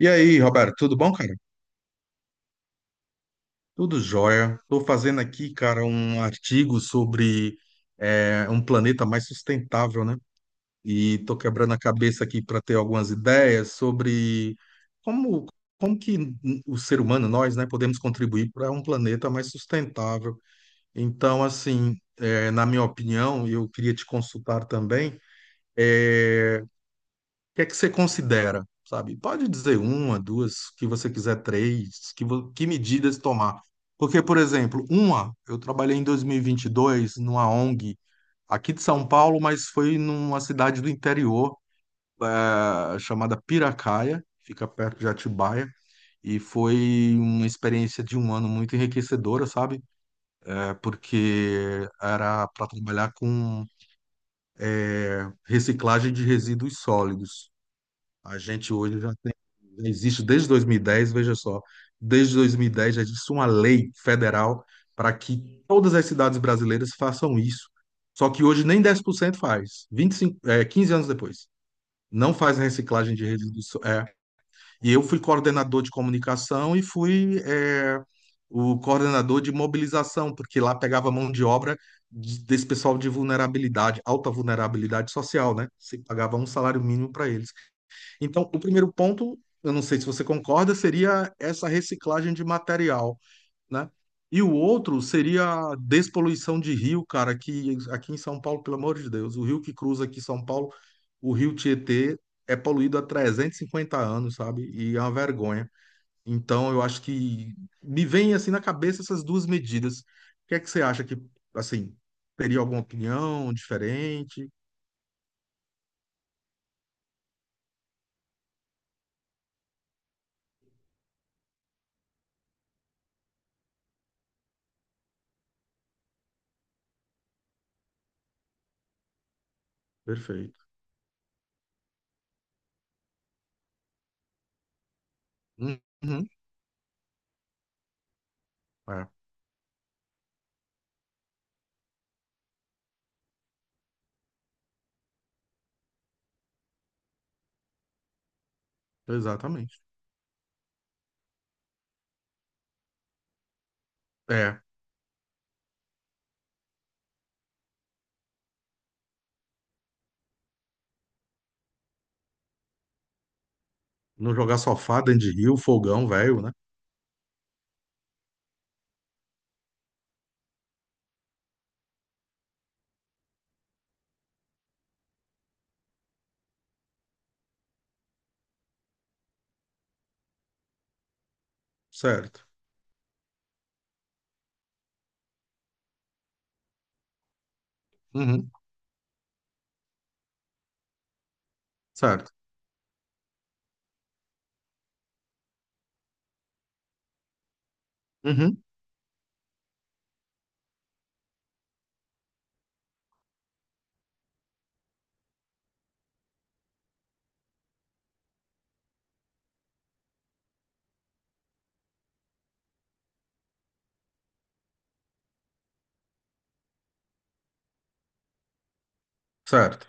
E aí, Roberto, tudo bom, cara? Tudo jóia. Estou fazendo aqui, cara, um artigo sobre um planeta mais sustentável, né? E estou quebrando a cabeça aqui para ter algumas ideias sobre como, como que o ser humano, nós, né, podemos contribuir para um planeta mais sustentável. Então, assim, na minha opinião, eu queria te consultar também é, que é que você considera, sabe? Pode dizer uma, duas, que você quiser três, que, que medidas tomar. Porque, por exemplo, uma, eu trabalhei em 2022 numa ONG aqui de São Paulo, mas foi numa cidade do interior, chamada Piracaia, fica perto de Atibaia. E foi uma experiência de um ano muito enriquecedora, sabe? É porque era para trabalhar com reciclagem de resíduos sólidos. A gente hoje já. Já existe desde 2010, veja só, desde 2010 já existe uma lei federal para que todas as cidades brasileiras façam isso. Só que hoje nem 10% faz, 25, 15 anos depois. Não faz reciclagem de resíduos. É. E eu fui coordenador de comunicação e fui, o coordenador de mobilização, porque lá pegava mão de obra desse pessoal de vulnerabilidade, alta vulnerabilidade social, né? Se pagava um salário mínimo para eles. Então, o primeiro ponto, eu não sei se você concorda, seria essa reciclagem de material, né? E o outro seria a despoluição de rio, cara, que aqui em São Paulo, pelo amor de Deus, o rio que cruza aqui São Paulo, o rio Tietê, é poluído há 350 anos, sabe? E é uma vergonha. Então, eu acho que me vem assim na cabeça essas duas medidas. O que é que você acha que, assim, teria alguma opinião diferente? Perfeito. Uhum. É, exatamente. É. Não jogar sofá, dentro de rio, fogão, velho, né? Certo. Uhum. Certo. Uhum. Certo.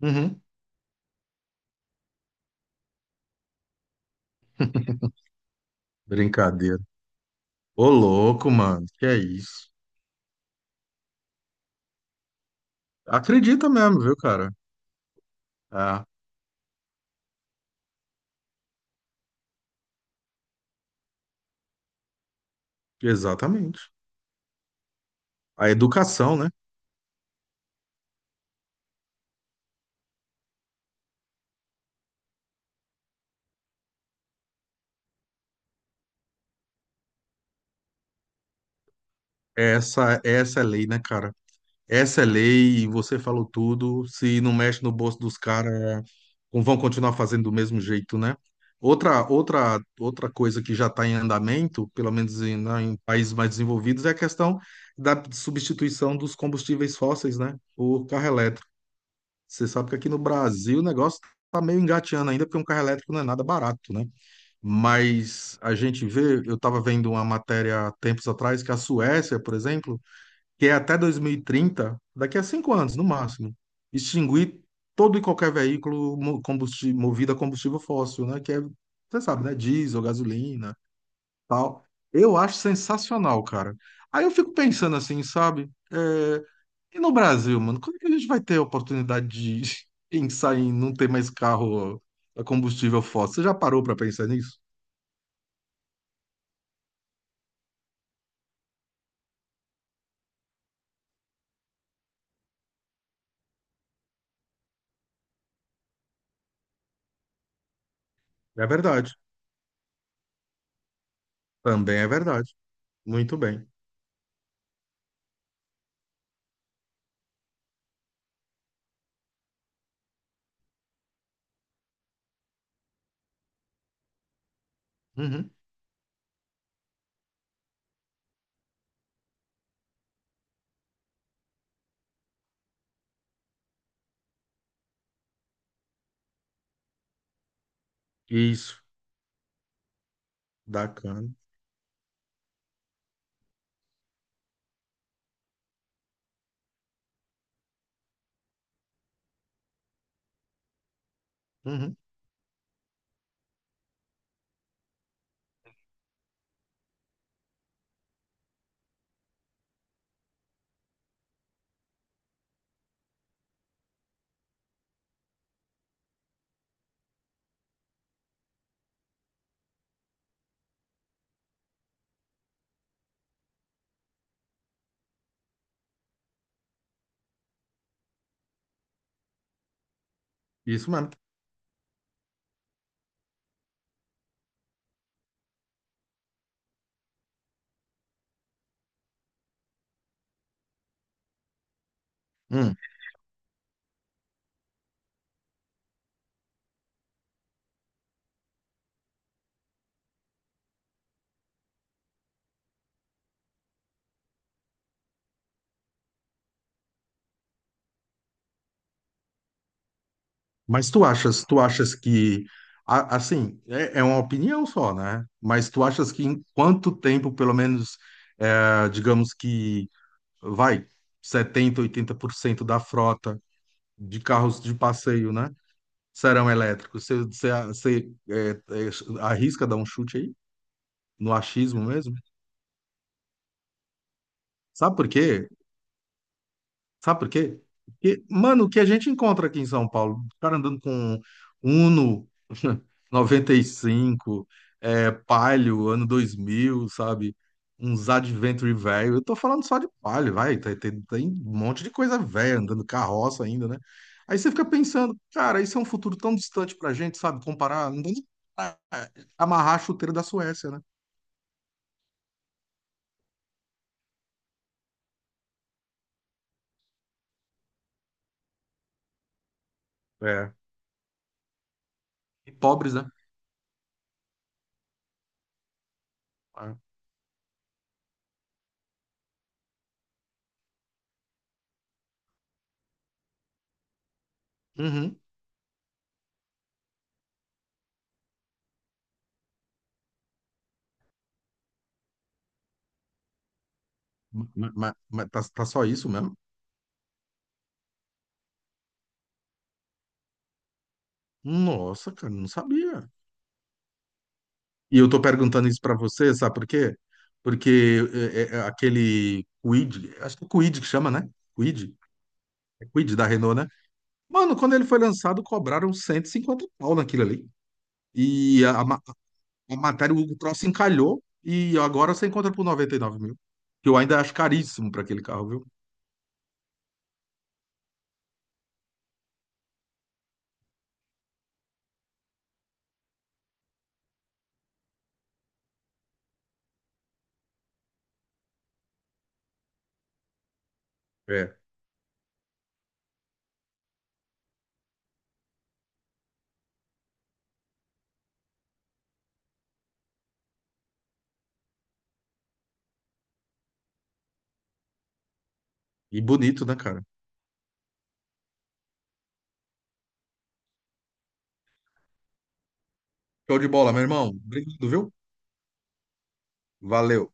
Uhum. Brincadeira. Ô, louco, mano. Que é isso? Acredita mesmo, viu, cara? Ah, exatamente. A educação, né? Essa é a lei, né, cara? Essa é lei e você falou tudo. Se não mexe no bolso dos caras, vão continuar fazendo do mesmo jeito, né? Outra coisa que já está em andamento, pelo menos em, né, em países mais desenvolvidos, é a questão da substituição dos combustíveis fósseis, né, por carro elétrico. Você sabe que aqui no Brasil o negócio está meio engateando ainda, porque um carro elétrico não é nada barato, né? Mas a gente vê, eu estava vendo uma matéria há tempos atrás que a Suécia, por exemplo, que é até 2030, daqui a 5 anos, no máximo, extinguir todo e qualquer veículo combustível, movido a combustível fóssil, né? Que é, você sabe, né? Diesel, gasolina, tal. Eu acho sensacional, cara. Aí eu fico pensando assim, sabe? E no Brasil, mano, quando que a gente vai ter a oportunidade de pensar em não ter mais carro a combustível fóssil? Você já parou para pensar nisso? É verdade. Também é verdade. Muito bem. Uhum. Isso. Bacana. Uhum. Isso mesmo. Hum. Mas tu achas que, assim, é uma opinião só, né? Mas tu achas que em quanto tempo, pelo menos, digamos que, vai, 70 ou 80% da frota de carros de passeio, né, serão elétricos? Você arrisca dar um chute aí? No achismo mesmo? Sabe por quê? Sabe por quê? Porque, mano, o que a gente encontra aqui em São Paulo, o cara andando com Uno 95 Palio, ano 2000 sabe? Uns Adventure velho. Eu tô falando só de Palio, vai. Tem um monte de coisa velha andando carroça ainda, né? Aí você fica pensando, cara, isso é um futuro tão distante pra gente, sabe? Comparar, não tem nem pra amarrar a chuteira da Suécia, né? É. E pobres, né? É. Uhum. Mas tá, tá só isso mesmo? Nossa, cara, não sabia. E eu tô perguntando isso pra você, sabe por quê? Porque é aquele Kwid, acho que é Kwid que chama, né? Kwid, é Kwid da Renault, né? Mano, quando ele foi lançado, cobraram 150 pau naquilo ali. E a matéria, o troço encalhou e agora você encontra por 99 mil. Que eu ainda acho caríssimo pra aquele carro, viu? É. E bonito, né, cara? Show de bola, meu irmão. Obrigado, viu? Valeu.